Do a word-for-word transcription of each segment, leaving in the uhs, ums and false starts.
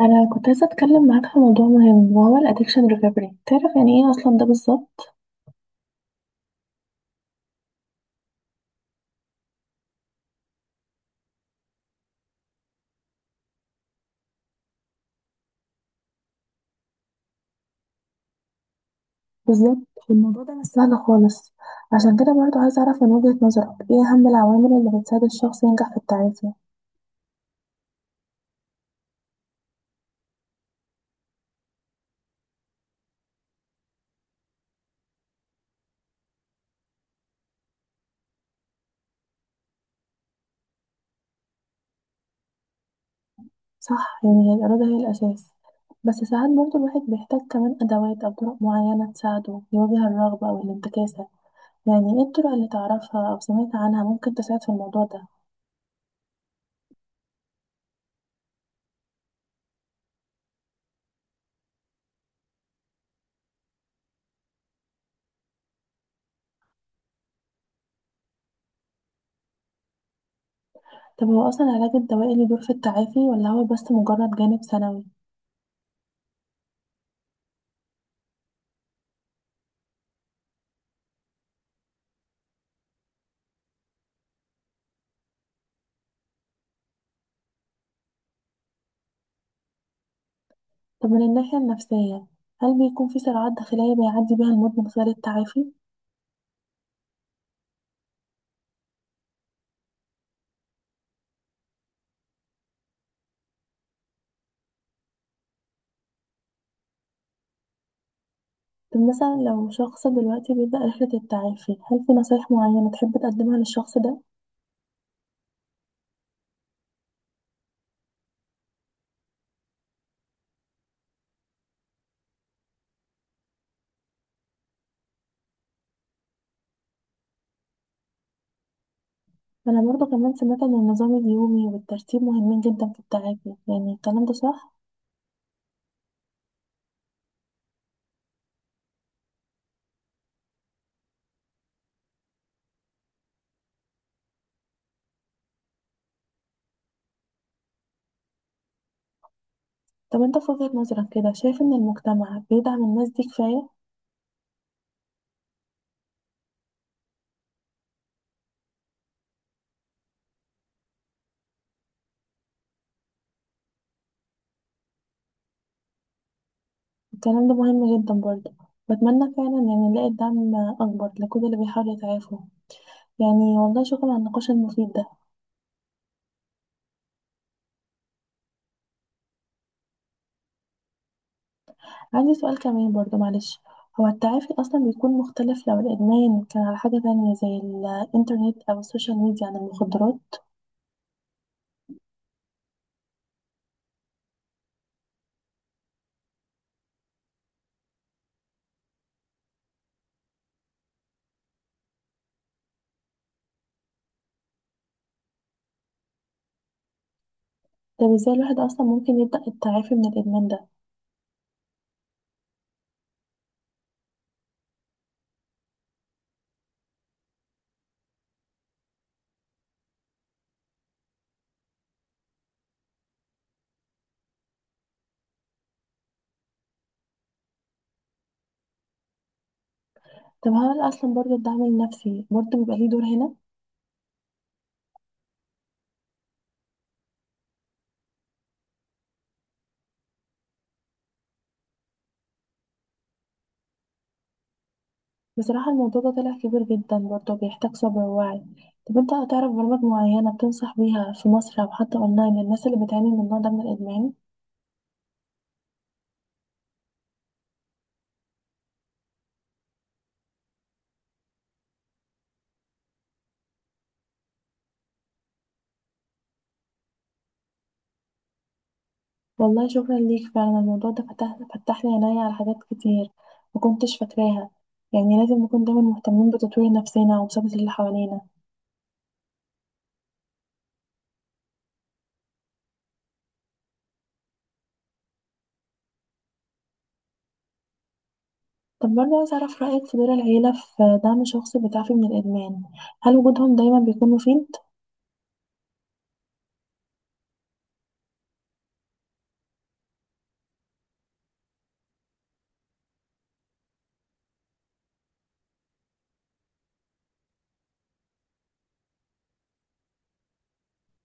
انا كنت عايزه اتكلم معاك في موضوع مهم، وهو الادكشن ريكفري. تعرف يعني ايه اصلا ده بالظبط؟ بالظبط. الموضوع ده مش سهل خالص، عشان كده برضو عايزه اعرف من وجهة نظرك ايه اهم العوامل اللي بتساعد الشخص ينجح في التعافي. صح، يعني هي الاراده هي الاساس، بس ساعات برضو الواحد بيحتاج كمان ادوات او طرق معينه تساعده يواجه الرغبه او الانتكاسه. يعني ايه الطرق اللي تعرفها او سمعت عنها ممكن تساعد في الموضوع ده؟ طب هو اصلا العلاج الدوائي له دور في التعافي، ولا هو بس مجرد جانب ثانوي؟ طب من الناحية النفسية، هل بيكون في صراعات داخلية بيعدي بيها المود من خلال التعافي؟ طب مثلا لو شخص دلوقتي بيبدأ رحلة التعافي، هل في نصايح معينة تحب تقدمها للشخص ده؟ أنا برضه كمان سمعت إن النظام اليومي والترتيب مهمين جدا في التعافي، يعني الكلام ده صح؟ طب أنت في وجهة نظرك كده شايف إن المجتمع بيدعم الناس دي كفاية؟ الكلام ده مهم جدا برضه، بتمنى فعلا يعني نلاقي دعم أكبر لكل اللي بيحاول يتعافوا. يعني والله شكرا على النقاش المفيد ده. عندي سؤال كمان برضو، معلش. هو التعافي أصلا بيكون مختلف لو الإدمان كان على حاجة تانية زي الإنترنت أو السوشيال ميديا عن المخدرات؟ طب ازاي الواحد أصلا ممكن يبدأ التعافي من الإدمان ده؟ طب هل أصلا برضو الدعم النفسي برضو بيبقى ليه دور هنا؟ بصراحة الموضوع ده طلع كبير جدا برضه، بيحتاج صبر ووعي. طب انت هتعرف برامج معينة بتنصح بيها في مصر أو حتى أونلاين للناس اللي بتعاني من النوع ده من الإدمان؟ والله شكرا ليك، فعلا الموضوع ده فتح فتح لي عينيا على حاجات كتير مكنتش فاكراها. يعني لازم نكون دايما مهتمين بتطوير نفسنا ومساعدة اللي حوالينا. طب برضه عايز أعرف رأيك في دور العيلة في دعم شخص بيتعافي من الإدمان، هل وجودهم دايما بيكون مفيد؟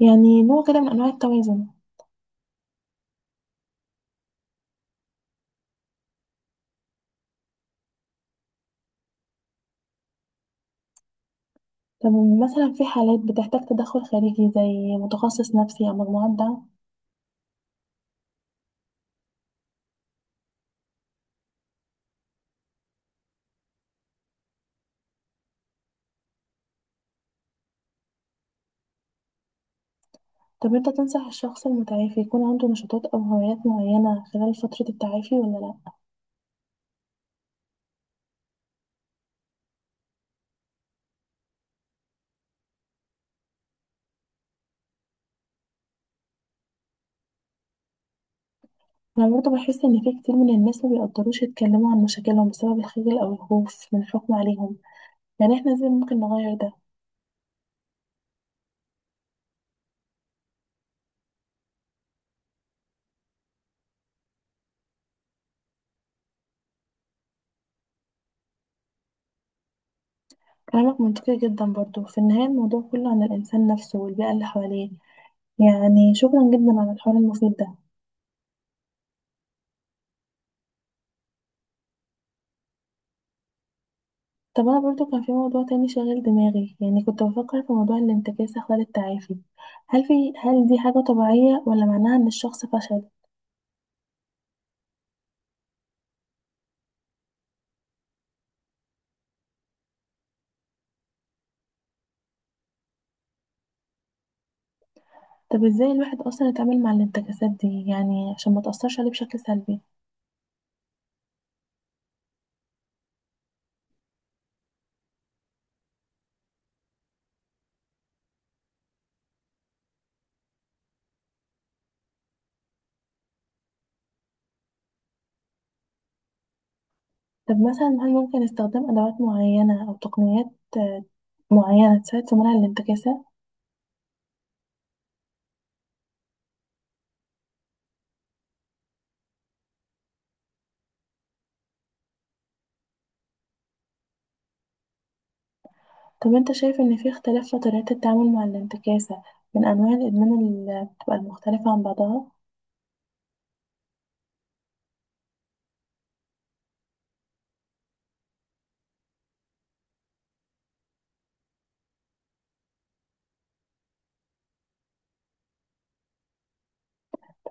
يعني نوع كده من أنواع التوازن. طب مثلا في حالات بتحتاج تدخل خارجي زي متخصص نفسي أو مجموعة دعم. طب أنت تنصح الشخص المتعافي يكون عنده نشاطات أو هوايات معينة خلال فترة التعافي ولا لأ؟ أنا برضه بحس إن في كتير من الناس ما بيقدروش يتكلموا عن مشاكلهم بسبب الخجل أو الخوف من الحكم عليهم، يعني إحنا إزاي ممكن نغير ده؟ كلامك منطقي جدا، برضه في النهاية الموضوع كله عن الإنسان نفسه والبيئة اللي حواليه. يعني شكرا جدا على الحوار المفيد ده. طب انا برضو كان في موضوع تاني شاغل دماغي، يعني كنت بفكر في موضوع الانتكاسة خلال التعافي. هل في هل دي حاجة طبيعية ولا معناها ان الشخص فشل؟ طب ازاي الواحد اصلا يتعامل مع الانتكاسات دي يعني عشان ما تأثرش عليه بشكل سلبي؟ طب مثلا هل ممكن استخدام ادوات معينة او تقنيات، آه، معينة تساعد في منع الانتكاسة؟ طب انت شايف ان في اختلاف في طريقة التعامل مع الانتكاسة من انواع الادمان اللي بتبقى المختلفة عن بعضها؟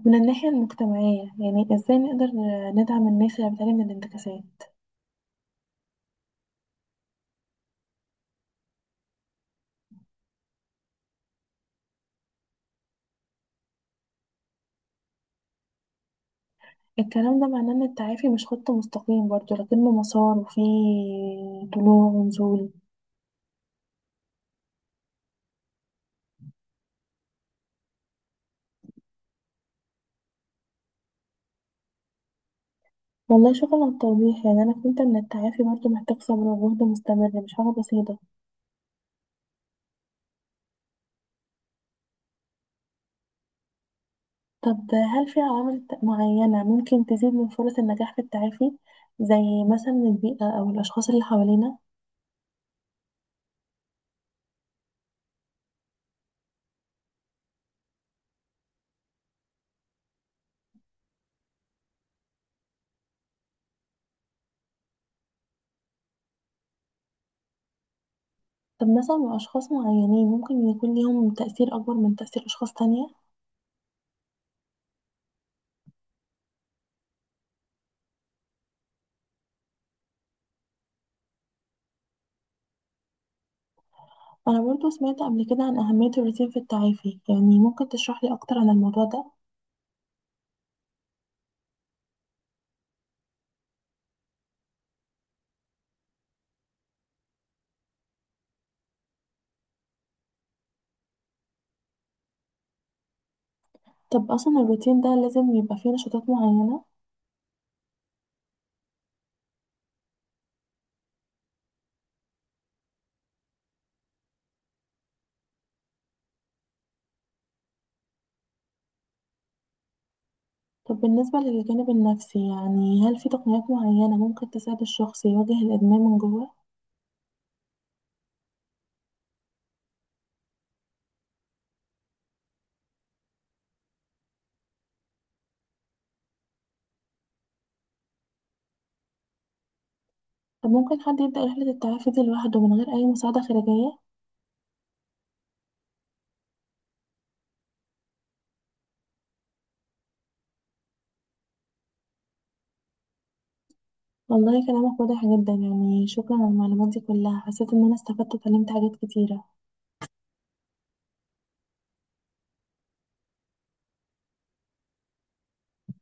من الناحية المجتمعية، يعني ازاي نقدر ندعم الناس اللي بتعاني من الانتكاسات؟ الكلام ده معناه ان التعافي مش خط مستقيم برضه، لكنه مسار وفيه طلوع ونزول. والله شكرا على التوضيح، يعني انا فهمت ان التعافي برضه محتاج صبر وجهد مستمر، مش حاجة بسيطة. طب هل في عوامل ت- معينة ممكن تزيد من فرص النجاح في التعافي، زي مثلا البيئة او الاشخاص اللي حوالينا؟ طب مثلا اشخاص معينين ممكن يكون ليهم تأثير اكبر من تأثير اشخاص تانية؟ أنا برضو سمعت قبل كده عن أهمية الروتين في التعافي، يعني ممكن تشرح لي أكتر عن الموضوع ده؟ طب أصلا الروتين ده لازم يبقى فيه نشاطات معينة؟ طب بالنسبة للجانب النفسي، يعني هل في تقنيات معينة ممكن تساعد الشخص يواجه الإدمان من جوه؟ طب ممكن حد يبدأ رحلة التعافي دي لوحده من غير أي مساعدة خارجية؟ والله كلامك واضح جدا، يعني شكرا على المعلومات دي كلها، حسيت إن أنا استفدت واتعلمت حاجات كتيرة.